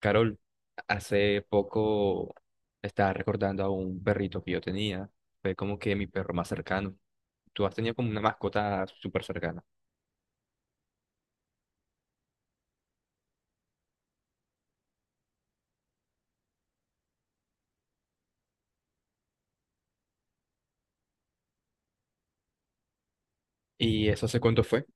Carol, hace poco estaba recordando a un perrito que yo tenía. Fue como que mi perro más cercano. Tú has tenido como una mascota súper cercana. ¿Y eso hace cuánto fue?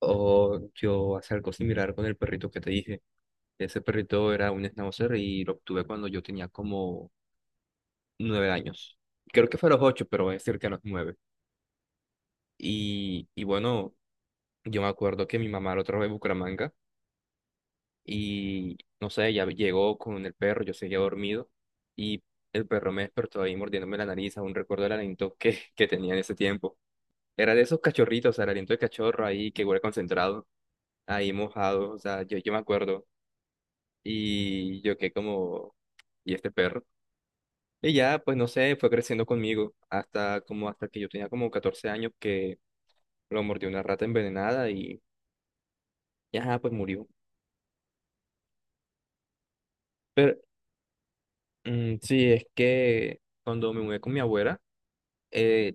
O yo hace algo similar con el perrito que te dije. Ese perrito era un schnauzer y lo obtuve cuando yo tenía como nueve años. Creo que fue a los ocho, pero es cerca a los nueve. Y bueno, yo me acuerdo que mi mamá lo trajo de Bucaramanga y no sé, ya llegó con el perro, yo seguía dormido y el perro me despertó ahí mordiéndome la nariz, aún recuerdo el aliento que tenía en ese tiempo. Era de esos cachorritos, o sea, el aliento de cachorro ahí que huele concentrado, ahí mojado, o sea, yo me acuerdo y yo quedé como, ¿y este perro? Y ya, pues no sé, fue creciendo conmigo hasta como hasta que yo tenía como 14 años que lo mordió una rata envenenada y ajá, pues murió. Pero mm, sí, es que cuando me mudé con mi abuela, eh,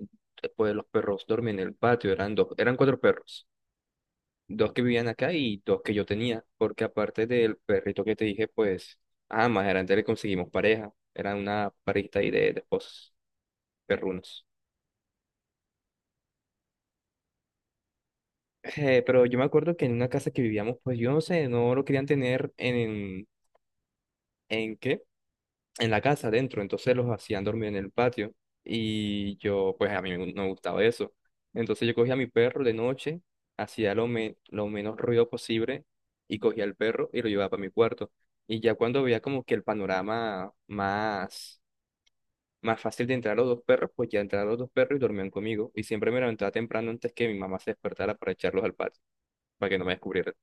pues los perros dormían en el patio, eran dos, eran cuatro perros, dos que vivían acá y dos que yo tenía, porque aparte del perrito que te dije, pues, ah, más adelante le conseguimos pareja, era una parejita ahí de esposos perrunos. Pero yo me acuerdo que en una casa que vivíamos, pues yo no sé, no lo querían tener ¿en qué? En la casa adentro, entonces los hacían dormir en el patio y yo, pues a no me gustaba eso. Entonces yo cogía a mi perro de noche, hacía lo menos ruido posible y cogía al perro y lo llevaba para mi cuarto. Y ya cuando veía como que el panorama más fácil de entrar los dos perros, pues ya entraron los dos perros y dormían conmigo. Y siempre me levantaba temprano antes que mi mamá se despertara para echarlos al patio, para que no me descubrieran.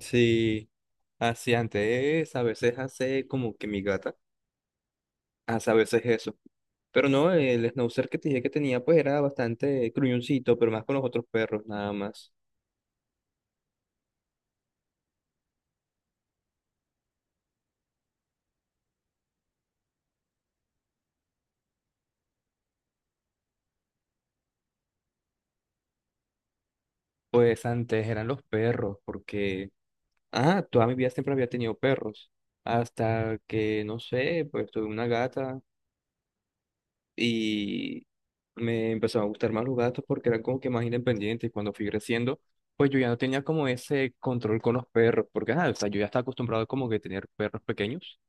Sí, así antes, a veces hace como que mi gata. A veces es eso. Pero no, el schnauzer que te dije que tenía, pues era bastante gruñoncito, pero más con los otros perros, nada más. Pues antes eran los perros, porque, ah, toda mi vida siempre había tenido perros. Hasta que, no sé, pues tuve una gata y me empezaron a gustar más los gatos porque eran como que más independientes. Y cuando fui creciendo, pues yo ya no tenía como ese control con los perros, porque, ah, o sea, yo ya estaba acostumbrado como que tener perros pequeños.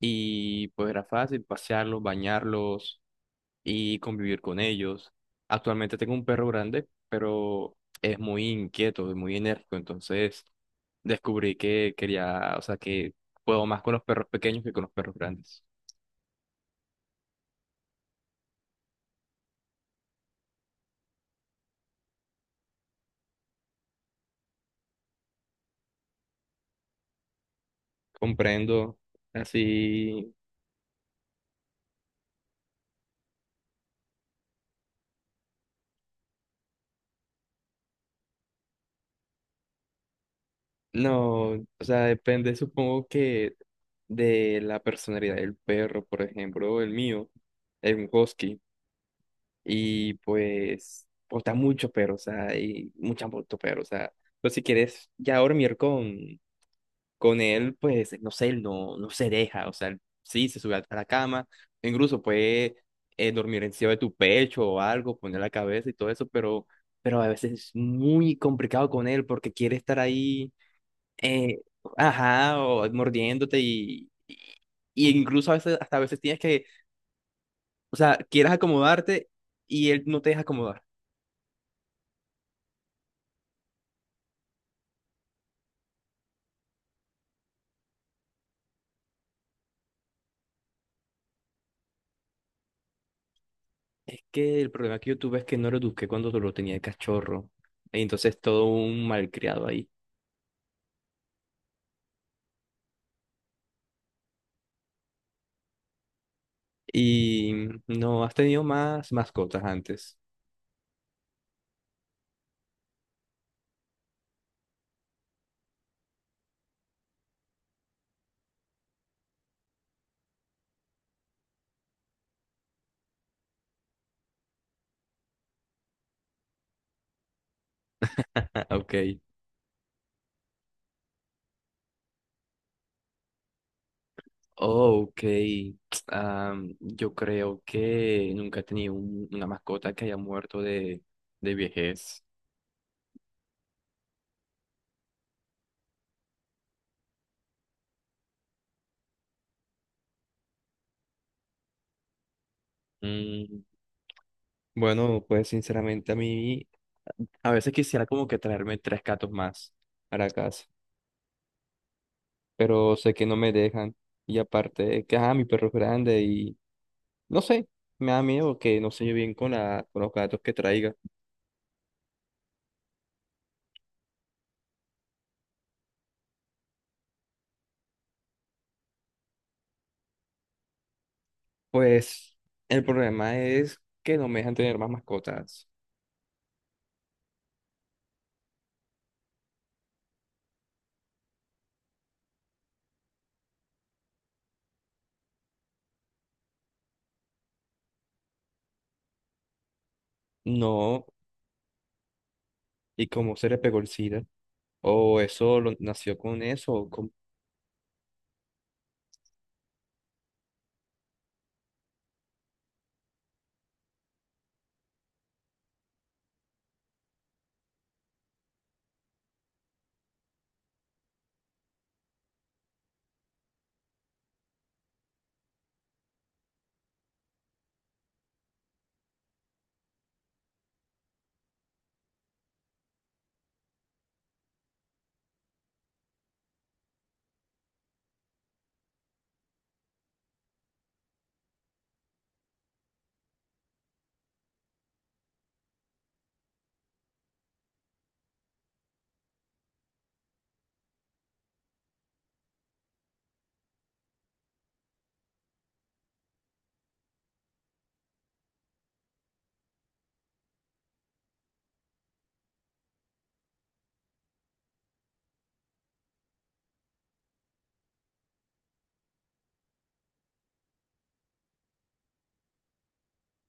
Y pues era fácil pasearlos, bañarlos y convivir con ellos. Actualmente tengo un perro grande, pero es muy inquieto, es muy enérgico, entonces descubrí que quería, o sea, que puedo más con los perros pequeños que con los perros grandes. Comprendo, así, no, o sea, depende, supongo que de la personalidad del perro, por ejemplo, el mío es un husky y pues está mucho perro, o sea, hay mucha mucho perro, o sea, pero si quieres ya dormir con él, pues, no sé, él no, no se deja, o sea, él sí, se sube a la cama, incluso puede dormir encima de tu pecho o algo, poner la cabeza y todo eso, pero a veces es muy complicado con él porque quiere estar ahí, eh, ajá, o y incluso a veces, hasta a veces tienes que, o sea, quieres acomodarte y él no te deja acomodar. Es que el problema que yo tuve es que no lo eduqué cuando lo tenía de cachorro, y entonces todo un malcriado ahí. Y no, has tenido más mascotas antes. Ah, ok. Oh, ok. Am, yo creo que nunca he tenido una mascota que haya muerto de vejez. Mm, bueno, pues sinceramente a mí a veces quisiera como que traerme tres gatos más para casa, pero sé que no me dejan. Y aparte, que ah, mi perro es grande y no sé, me da miedo que no se lleve bien con los gatos que traiga. Pues el problema es que no me dejan tener más mascotas. No, y como se le pegó el SIDA, o eso nació con eso, o con...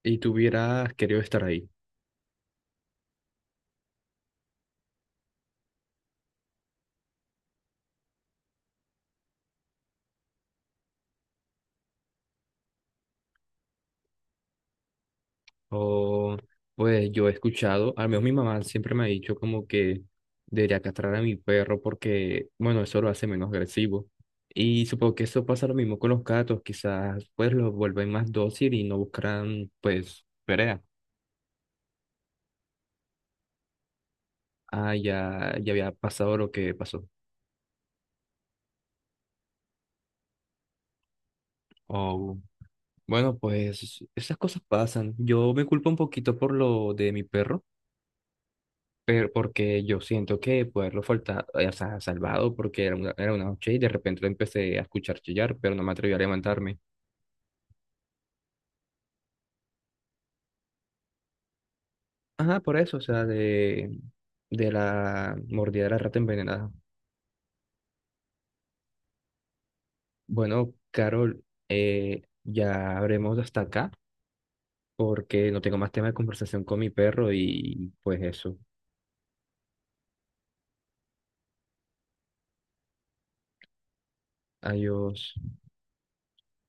Y tú hubieras querido estar ahí. O pues yo he escuchado, al menos mi mamá siempre me ha dicho como que debería castrar a mi perro porque, bueno, eso lo hace menos agresivo. Y supongo que eso pasa lo mismo con los gatos, quizás pues los vuelven más dócil y no buscarán pues pelea. Ah, ya, ya había pasado lo que pasó. Oh. Bueno, pues esas cosas pasan. Yo me culpo un poquito por lo de mi perro, pero porque yo siento que poderlo faltar, o sea, salvado, porque era una noche y de repente lo empecé a escuchar chillar, pero no me atreví a levantarme. Ajá, por eso, o sea, de la mordida de la rata envenenada. Bueno, Carol, ya habremos hasta acá, porque no tengo más tema de conversación con mi perro y pues eso. Adiós.